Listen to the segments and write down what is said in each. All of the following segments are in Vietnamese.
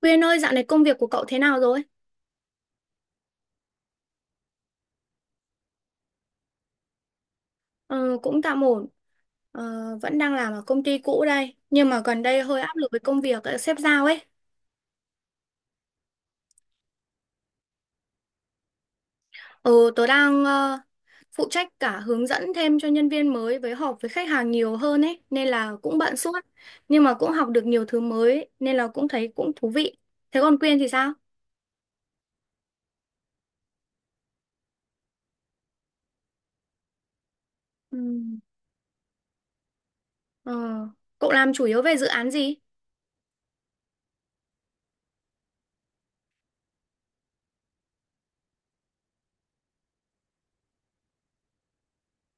Quyên ơi, dạo này công việc của cậu thế nào rồi? Ờ, cũng tạm ổn, ờ, vẫn đang làm ở công ty cũ đây, nhưng mà gần đây hơi áp lực với công việc sếp giao ấy. Ờ, tớ đang phụ trách cả hướng dẫn thêm cho nhân viên mới với họp với khách hàng nhiều hơn ấy, nên là cũng bận suốt, nhưng mà cũng học được nhiều thứ mới, nên là cũng thấy cũng thú vị. Thế còn Quyên thì sao? Ừ. Ờ, cậu làm chủ yếu về dự án gì?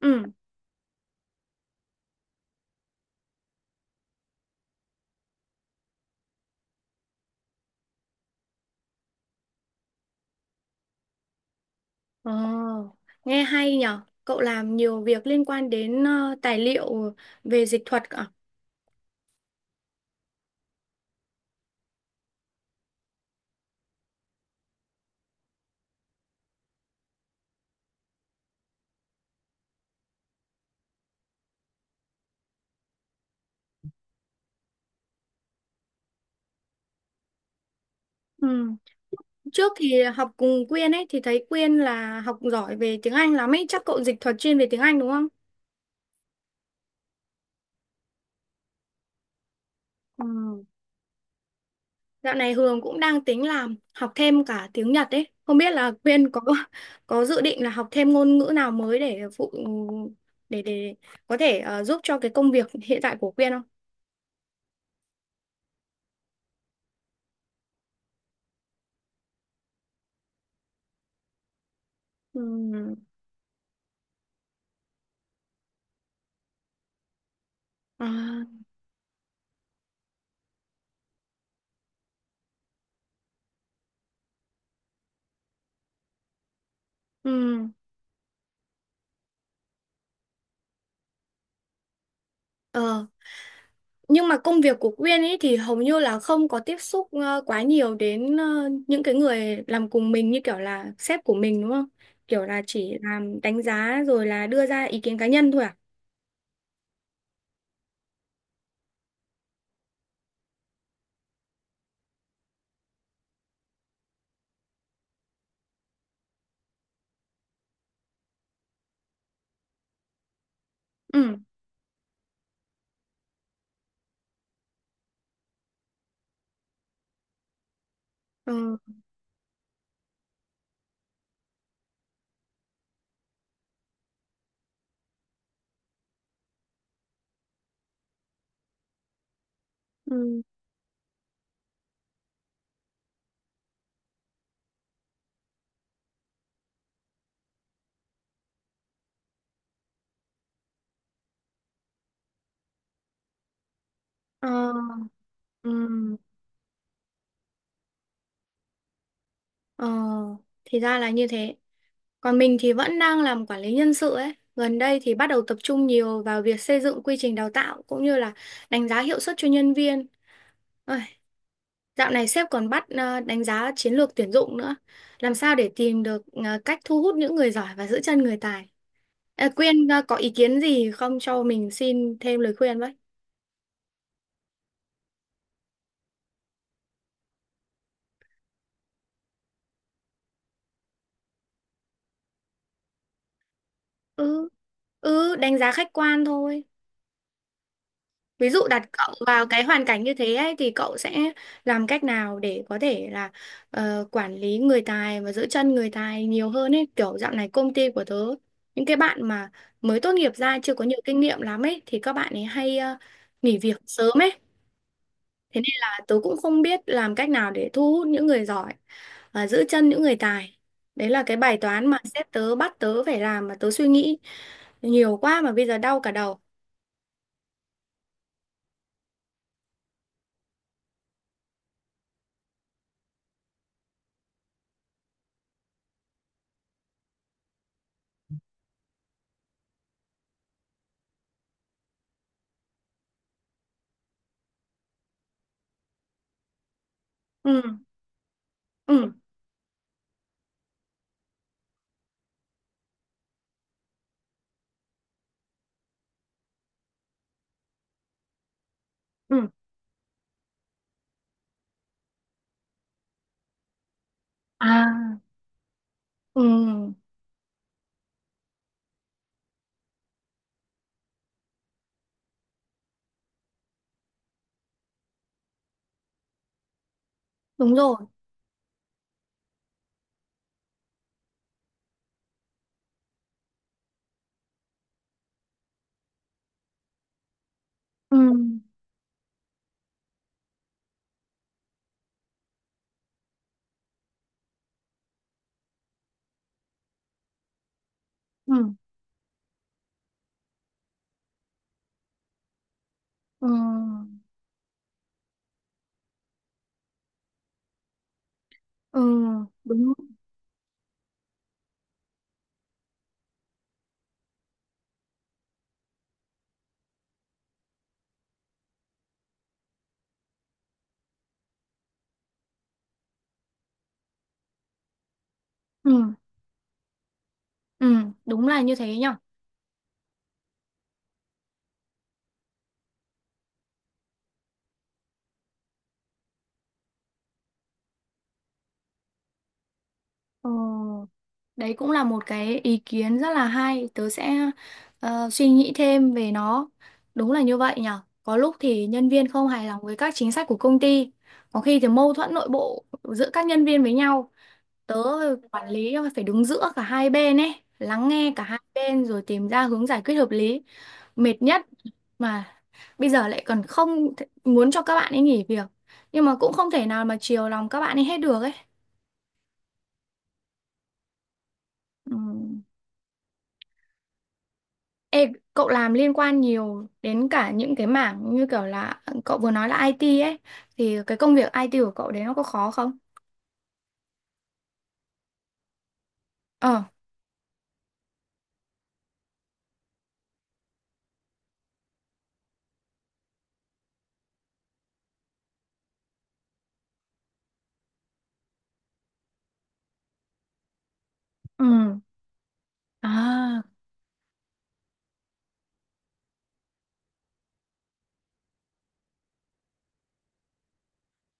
Ừ. Ồ, nghe hay nhở. Cậu làm nhiều việc liên quan đến tài liệu về dịch thuật cả. Ừ. Trước thì học cùng Quyên ấy thì thấy Quyên là học giỏi về tiếng Anh lắm ấy, chắc cậu dịch thuật chuyên về tiếng Anh đúng không? Ừ. Dạo này Hường cũng đang tính làm học thêm cả tiếng Nhật ấy. Không biết là Quyên có dự định là học thêm ngôn ngữ nào mới để phụ để có thể giúp cho cái công việc hiện tại của Quyên không? Ừ. À, ừ. Ờ, nhưng mà công việc của Quyên ấy thì hầu như là không có tiếp xúc quá nhiều đến những cái người làm cùng mình như kiểu là sếp của mình đúng không? Kiểu là chỉ làm đánh giá rồi là đưa ra ý kiến cá nhân thôi à? Ừ. Ừ. Ừ. Ờ. Ừ. Ờ. Thì ra là như thế. Còn mình thì vẫn đang làm quản lý nhân sự ấy. Gần đây thì bắt đầu tập trung nhiều vào việc xây dựng quy trình đào tạo cũng như là đánh giá hiệu suất cho nhân viên. Ôi, dạo này sếp còn bắt đánh giá chiến lược tuyển dụng nữa. Làm sao để tìm được cách thu hút những người giỏi và giữ chân người tài? À, Quyên có ý kiến gì không cho mình xin thêm lời khuyên với? Ừ, ừ, đánh giá khách quan thôi. Ví dụ đặt cậu vào cái hoàn cảnh như thế ấy, thì cậu sẽ làm cách nào để có thể là quản lý người tài và giữ chân người tài nhiều hơn ấy. Kiểu dạo này công ty của tớ, những cái bạn mà mới tốt nghiệp ra chưa có nhiều kinh nghiệm lắm ấy thì các bạn ấy hay nghỉ việc sớm ấy. Thế nên là tớ cũng không biết làm cách nào để thu hút những người giỏi và giữ chân những người tài. Đấy là cái bài toán mà sếp tớ bắt tớ phải làm mà tớ suy nghĩ nhiều quá mà bây giờ đau cả đầu. Ừ, ừ, ừ. À. Ừ, đúng rồi. Ừ, ừ, ừ, ừ, đúng. Ừ, ừ, đúng là như thế nhở. Ờ, đấy cũng là một cái ý kiến rất là hay. Tớ sẽ suy nghĩ thêm về nó. Đúng là như vậy nhở. Có lúc thì nhân viên không hài lòng với các chính sách của công ty. Có khi thì mâu thuẫn nội bộ giữa các nhân viên với nhau. Tớ quản lý phải đứng giữa cả hai bên ấy. Lắng nghe cả hai bên rồi tìm ra hướng giải quyết hợp lý. Mệt nhất mà bây giờ lại còn không muốn cho các bạn ấy nghỉ việc nhưng mà cũng không thể nào mà chiều lòng các bạn ấy hết được ấy. Ừ. Ê, cậu làm liên quan nhiều đến cả những cái mảng như kiểu là cậu vừa nói là IT ấy thì cái công việc IT của cậu đấy nó có khó không? Ờ, ừ. À,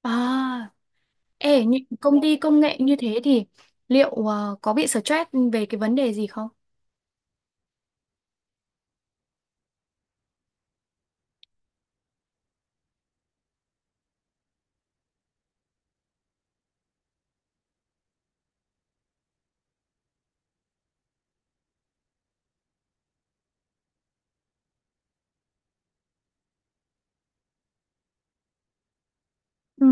à. Ê, những công ty công nghệ như thế thì liệu có bị stress về cái vấn đề gì không? Ừ.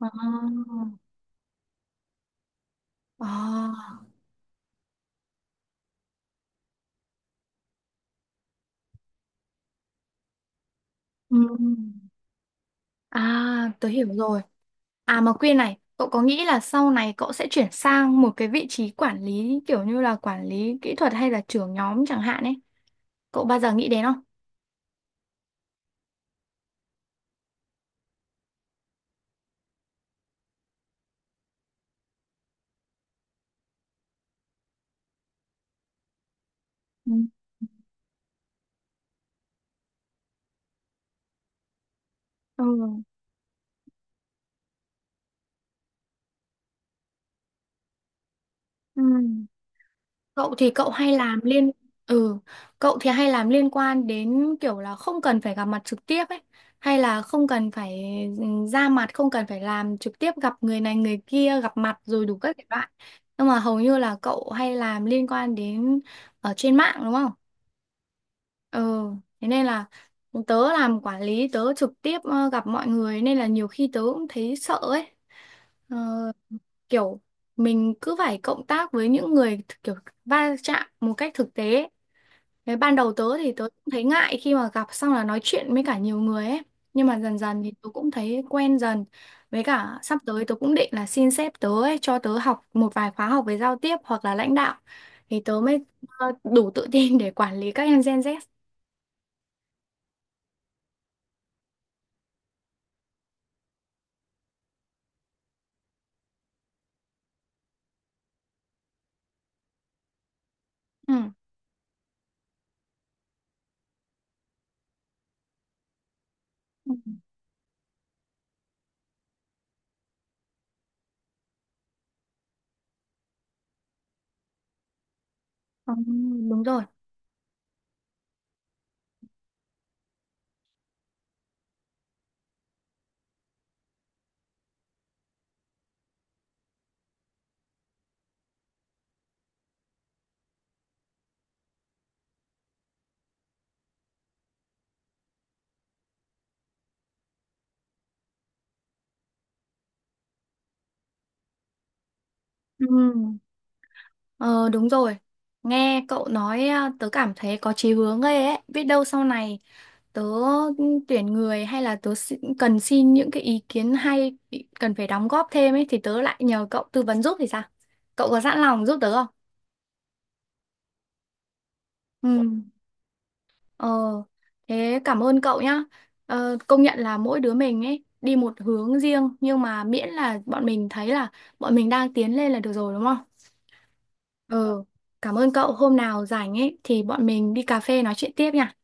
À, à. Ừ. À, tớ hiểu rồi. À mà Quyên này, cậu có nghĩ là sau này cậu sẽ chuyển sang một cái vị trí quản lý kiểu như là quản lý kỹ thuật hay là trưởng nhóm chẳng hạn ấy? Cậu bao giờ nghĩ đến không? Ừ. Ừ. Ừ. Cậu thì cậu hay làm liên ừ, cậu thì hay làm liên quan đến kiểu là không cần phải gặp mặt trực tiếp ấy, hay là không cần phải ừ, ra mặt, không cần phải làm trực tiếp gặp người này người kia, gặp mặt rồi đủ các thể loại. Nhưng mà hầu như là cậu hay làm liên quan đến ở trên mạng đúng không? Ừ, thế nên là tớ làm quản lý tớ trực tiếp gặp mọi người nên là nhiều khi tớ cũng thấy sợ ấy. Ờ, kiểu mình cứ phải cộng tác với những người kiểu va chạm một cách thực tế ấy. Thế ban đầu tớ thì tớ cũng thấy ngại khi mà gặp xong là nói chuyện với cả nhiều người ấy. Nhưng mà dần dần thì tớ cũng thấy quen dần. Với cả sắp tới tớ cũng định là xin sếp tớ ấy, cho tớ học một vài khóa học về giao tiếp hoặc là lãnh đạo. Thì tớ mới đủ tự tin để quản lý các em Gen Z. Ừ. Ờ, đúng rồi. Ừ. Ờ, đúng rồi. Nghe cậu nói à, tớ cảm thấy có chí hướng ghê ấy. Biết đâu sau này tớ tuyển người hay là tớ cần xin những cái ý kiến hay cần phải đóng góp thêm ấy thì tớ lại nhờ cậu tư vấn giúp thì sao? Cậu có sẵn lòng giúp tớ không? Ừ. Ờ, thế cảm ơn cậu nhá. Ờ, công nhận là mỗi đứa mình ấy đi một hướng riêng nhưng mà miễn là bọn mình thấy là bọn mình đang tiến lên là được rồi đúng không? Ừ, cảm ơn cậu. Hôm nào rảnh ấy thì bọn mình đi cà phê nói chuyện tiếp nha.